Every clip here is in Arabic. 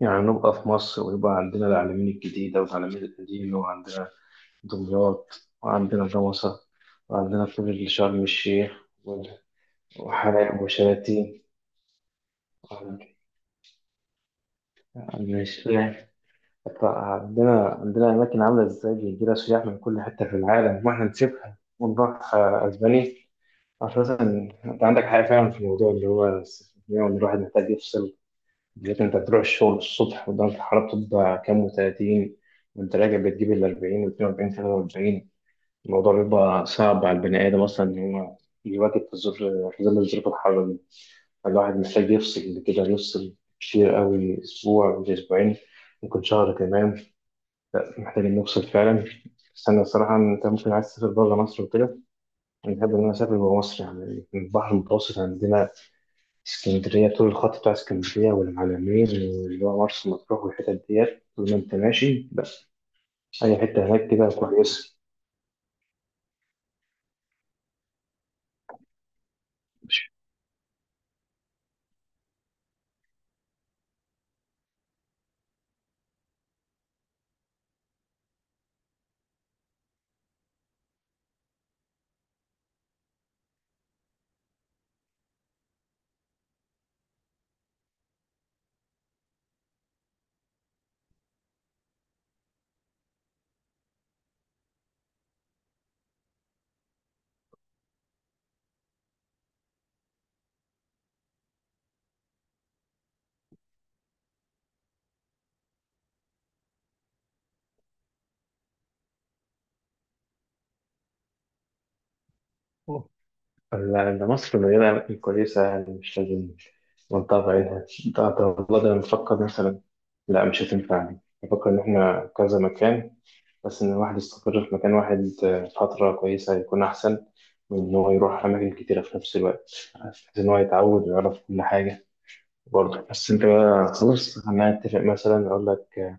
يعني نبقى في مصر ويبقى عندنا العلمين الجديدة والعلمين القديمة وعندنا دمياط وعندنا جمصة وعندنا كل شرم الشيخ وال- وحلايب وشلاتين وعندنا الشيخ. عندنا أماكن عاملة إزاي بيجي لها سياح من كل حتة في العالم، وإحنا نسيبها ونروح أسبانيا أساسا. أنت عندك حاجة فعلا في الموضوع اللي هو السفرية، وإن الواحد محتاج يفصل، بالذات انت تروح الشغل الصبح ودرجة الحرارة بتبقى كام وتلاتين، وانت راجع بتجيب ال 40 و 42 43. الموضوع بيبقى صعب على البني آدم أصلا إن هو يواكب في الظروف، في ظل الظروف الحارة دي الواحد محتاج يفصل، كده يفصل كتير قوي، أسبوع وأسبوعين، ممكن شهر كمان، محتاج إنه يفصل فعلا. بس أنا الصراحة أنت ممكن عايز تسافر بره مصر وكده، أنا بحب إن أنا أسافر جوه مصر، يعني البحر المتوسط عندنا اسكندرية، طول الخط بتاع اسكندرية والمعلمين واللي هو مرسى مطروح والحتت ديت، طول ما انت ماشي بس أي حتة هناك كده كويسة. مش لا، ده مصر مليانة أماكن كويسة، يعني مش لازم منطقة بعيدة. ده والله، ده أنا بفكر مثلا، لا مش هتنفع دي، بفكر إن إحنا كذا مكان، بس إن الواحد يستقر في مكان واحد فترة كويسة هيكون أحسن من إن هو يروح أماكن كتيرة في نفس الوقت، بحيث إن هو يتعود ويعرف كل حاجة. برضه بس انت بقى خلاص هنتفق، مثلا اقول لك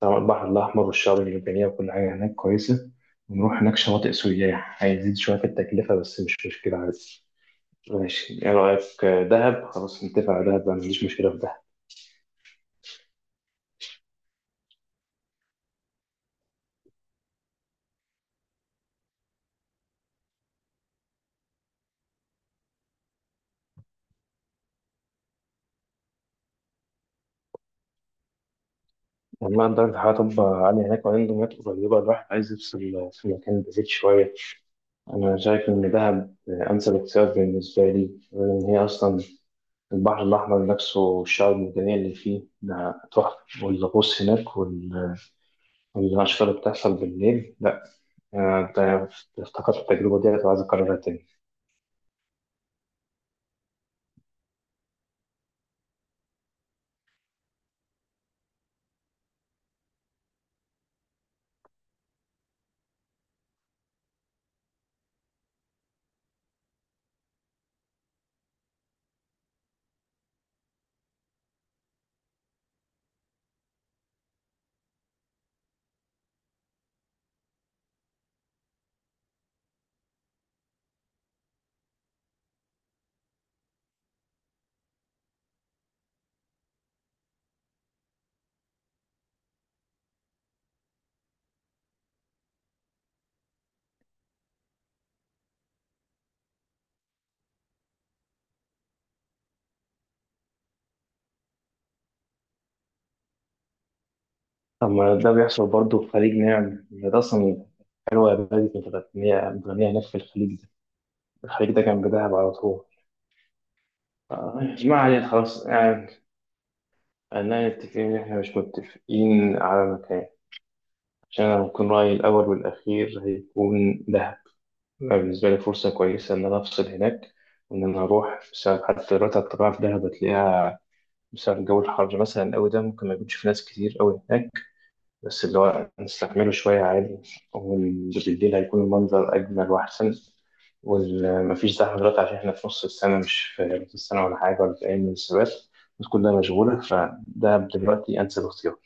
طبعا البحر الاحمر والشعاب المرجانيه وكل حاجه هناك كويسه، ونروح هناك شواطئ سياح، هيزيد شويه في التكلفه بس مش مشكله عادي. ماشي، ايه رايك؟ دهب. خلاص نتفق على دهب، ما عنديش مشكله في دهب. لما درجه الحراره تبقى عاليه هناك وعنده مياه قريبه، الواحد عايز يفصل في مكان بعيد شويه. انا شايف ان دهب انسب اختيار بالنسبه لي، لان هي اصلا البحر الاحمر نفسه والشعاب المرجانيه اللي فيه ده تحفه، والغوص هناك وال- الأشكال اللي بتحصل بالليل، لأ أنت افتكرت التجربة ديت وعايز أكررها تاني. طب ده بيحصل برضه في خليج نعم ده أصلا. حلوة يا بلدي كانت متغنية هناك في الخليج ده، الخليج ده كان بدهب على طول. ما علينا خلاص يعني، خلينا نتفق إن إحنا مش متفقين على مكان، عشان أنا هكون رأيي الأول والأخير هيكون دهب. أنا بالنسبة لي فرصة كويسة إن أنا أفصل هناك، وإن أنا أروح بسبب حتى دلوقتي الطبيعة في دهب هتلاقيها بسبب الجو الحر مثلا أوي، ده ممكن ما يكونش في ناس كتير أوي هناك، بس اللي هو نستحمله شوية عادي، وبالليل هيكون المنظر أجمل وأحسن، ومفيش زحمة دلوقتي عشان إحنا في نص السنة، مش في نص السنة ولا حاجة ولا في أي من السبات، الناس كلها مشغولة، فده دلوقتي أنسب اختيار.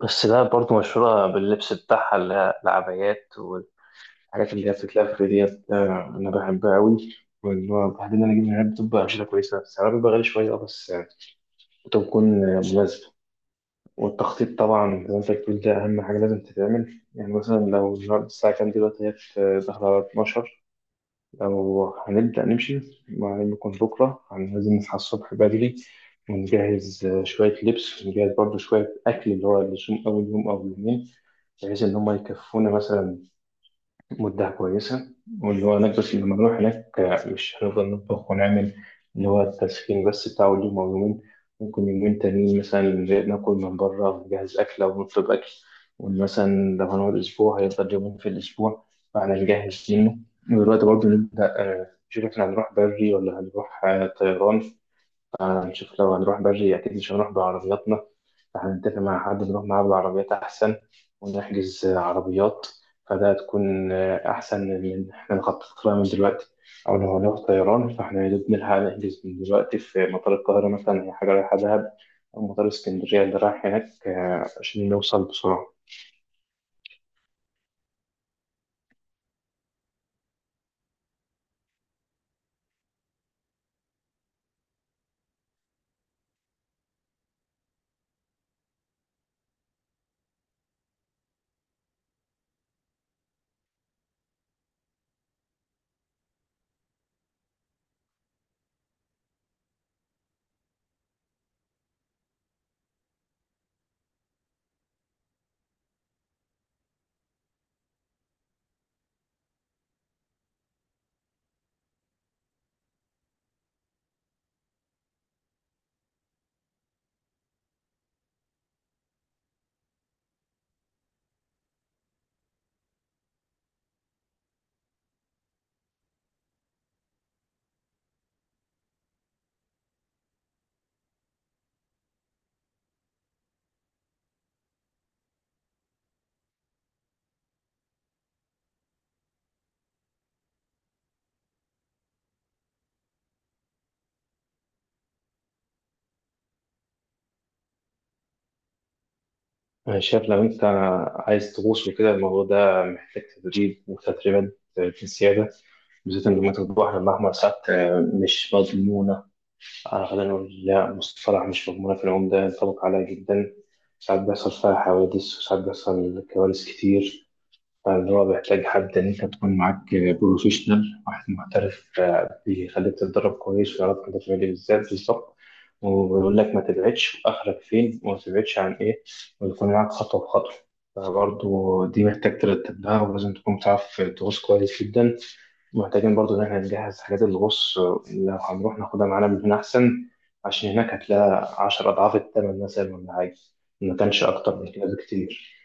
بس ده برضه مشهورة باللبس بتاعها اللي هي العبايات والحاجات اللي هي بتتلف ديت، أنا بحبها أوي، واللي هو بعدين أنا أجيب من هناك بتبقى أمشيتها كويسة، سعرها بيبقى غالي شوية أه، بس بتكون مناسبة. والتخطيط طبعا زي ما انت بتقول ده أهم حاجة لازم تتعمل، يعني مثلا لو النهاردة الساعة كام دلوقتي، هي داخلة على 12. لو هنبدأ نمشي، ما يكون بكرة يعني لازم نصحى الصبح بدري، ونجهز شوية لبس، ونجهز برضه شوية أكل اللي هو اللي يصوم أول يوم أو يومين، بحيث إن هما يكفونا مثلا مدة كويسة، واللي هو نكبس لما نروح هناك مش هنفضل نطبخ ونعمل، اللي هو التسخين بس بتاع اليوم أو يومين. ممكن يومين تانيين مثلا ناكل من بره، نجهز أكل أو نطلب أكل. ومثلا لو هنقعد أسبوع هيفضل يومين في الأسبوع، فاحنا نجهز منه. ودلوقتي برضه نبدأ نشوف احنا هنروح بري ولا هنروح طيران. هنشوف لو هنروح بري أكيد مش هنروح بعربياتنا، فهنتفق مع حد نروح معاه بالعربيات أحسن، ونحجز عربيات، فده هتكون أحسن من إن إحنا نخطط لها من دلوقتي. أو لو هنروح طيران، فإحنا يا دوب نلحق نحجز من دلوقتي في مطار القاهرة مثلا هي حاجة رايحة دهب، أو مطار اسكندرية اللي رايح هناك، عشان نوصل بسرعة. أنا شايف لو أنت عايز تغوص وكده، الموضوع ده محتاج تدريب وتدريبات في السيادة، بالذات إن مية البحر الأحمر ساعات مش مضمونة. أنا غالبا أقول لا مصطلح مش مضمونة في العمدة ينطبق عليها جدا، ساعات بيحصل فيها حوادث وساعات بيحصل كوارث كتير. فاللي هو بيحتاج حد إن أنت تكون معاك بروفيشنال، واحد محترف بيخليك تتدرب كويس ويعرف أنت تعمل إيه بالذات بالظبط، ويقول لك ما تبعدش وآخرك فين وما تبعدش عن إيه، ويكون معاك خطوة بخطوة. فبرضه دي محتاج ترتب لها ولازم تكون بتعرف تغوص كويس جدا. محتاجين برضو إن إحنا نجهز حاجات الغوص، لو هنروح ناخدها معانا من هنا أحسن، عشان هناك هتلاقي عشر أضعاف التمن مثلا، ولا حاجة ما كانش أكتر من كده بكتير.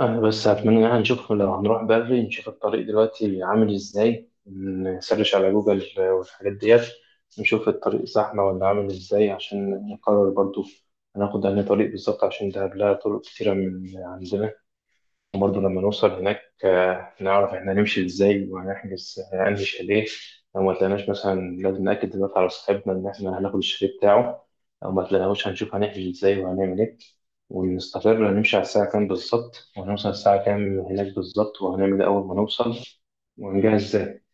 أنا بس أتمنى إن إحنا نشوف لو هنروح بدري، نشوف الطريق دلوقتي عامل إزاي، نسرش على جوجل والحاجات ديت، نشوف الطريق زحمة ولا عامل إزاي، عشان نقرر برضو هناخد أنهي طريق بالظبط، عشان ده لها طرق كتيرة من عندنا. وبرضه لما نوصل هناك نعرف احنا هنمشي ازاي، وهنحجز انهي شاليه. لو ما تلاقيناش مثلا لازم نأكد دلوقتي على صاحبنا ان احنا هناخد الشاليه بتاعه، لو ما تلاقيناهوش هنشوف هنحجز ازاي وهنعمل ايه، ونستقر هنمشي على الساعة كام بالظبط، وهنوصل الساعة كام هناك بالظبط، وهنعمل ايه أول ما نوصل ونجهز ازاي.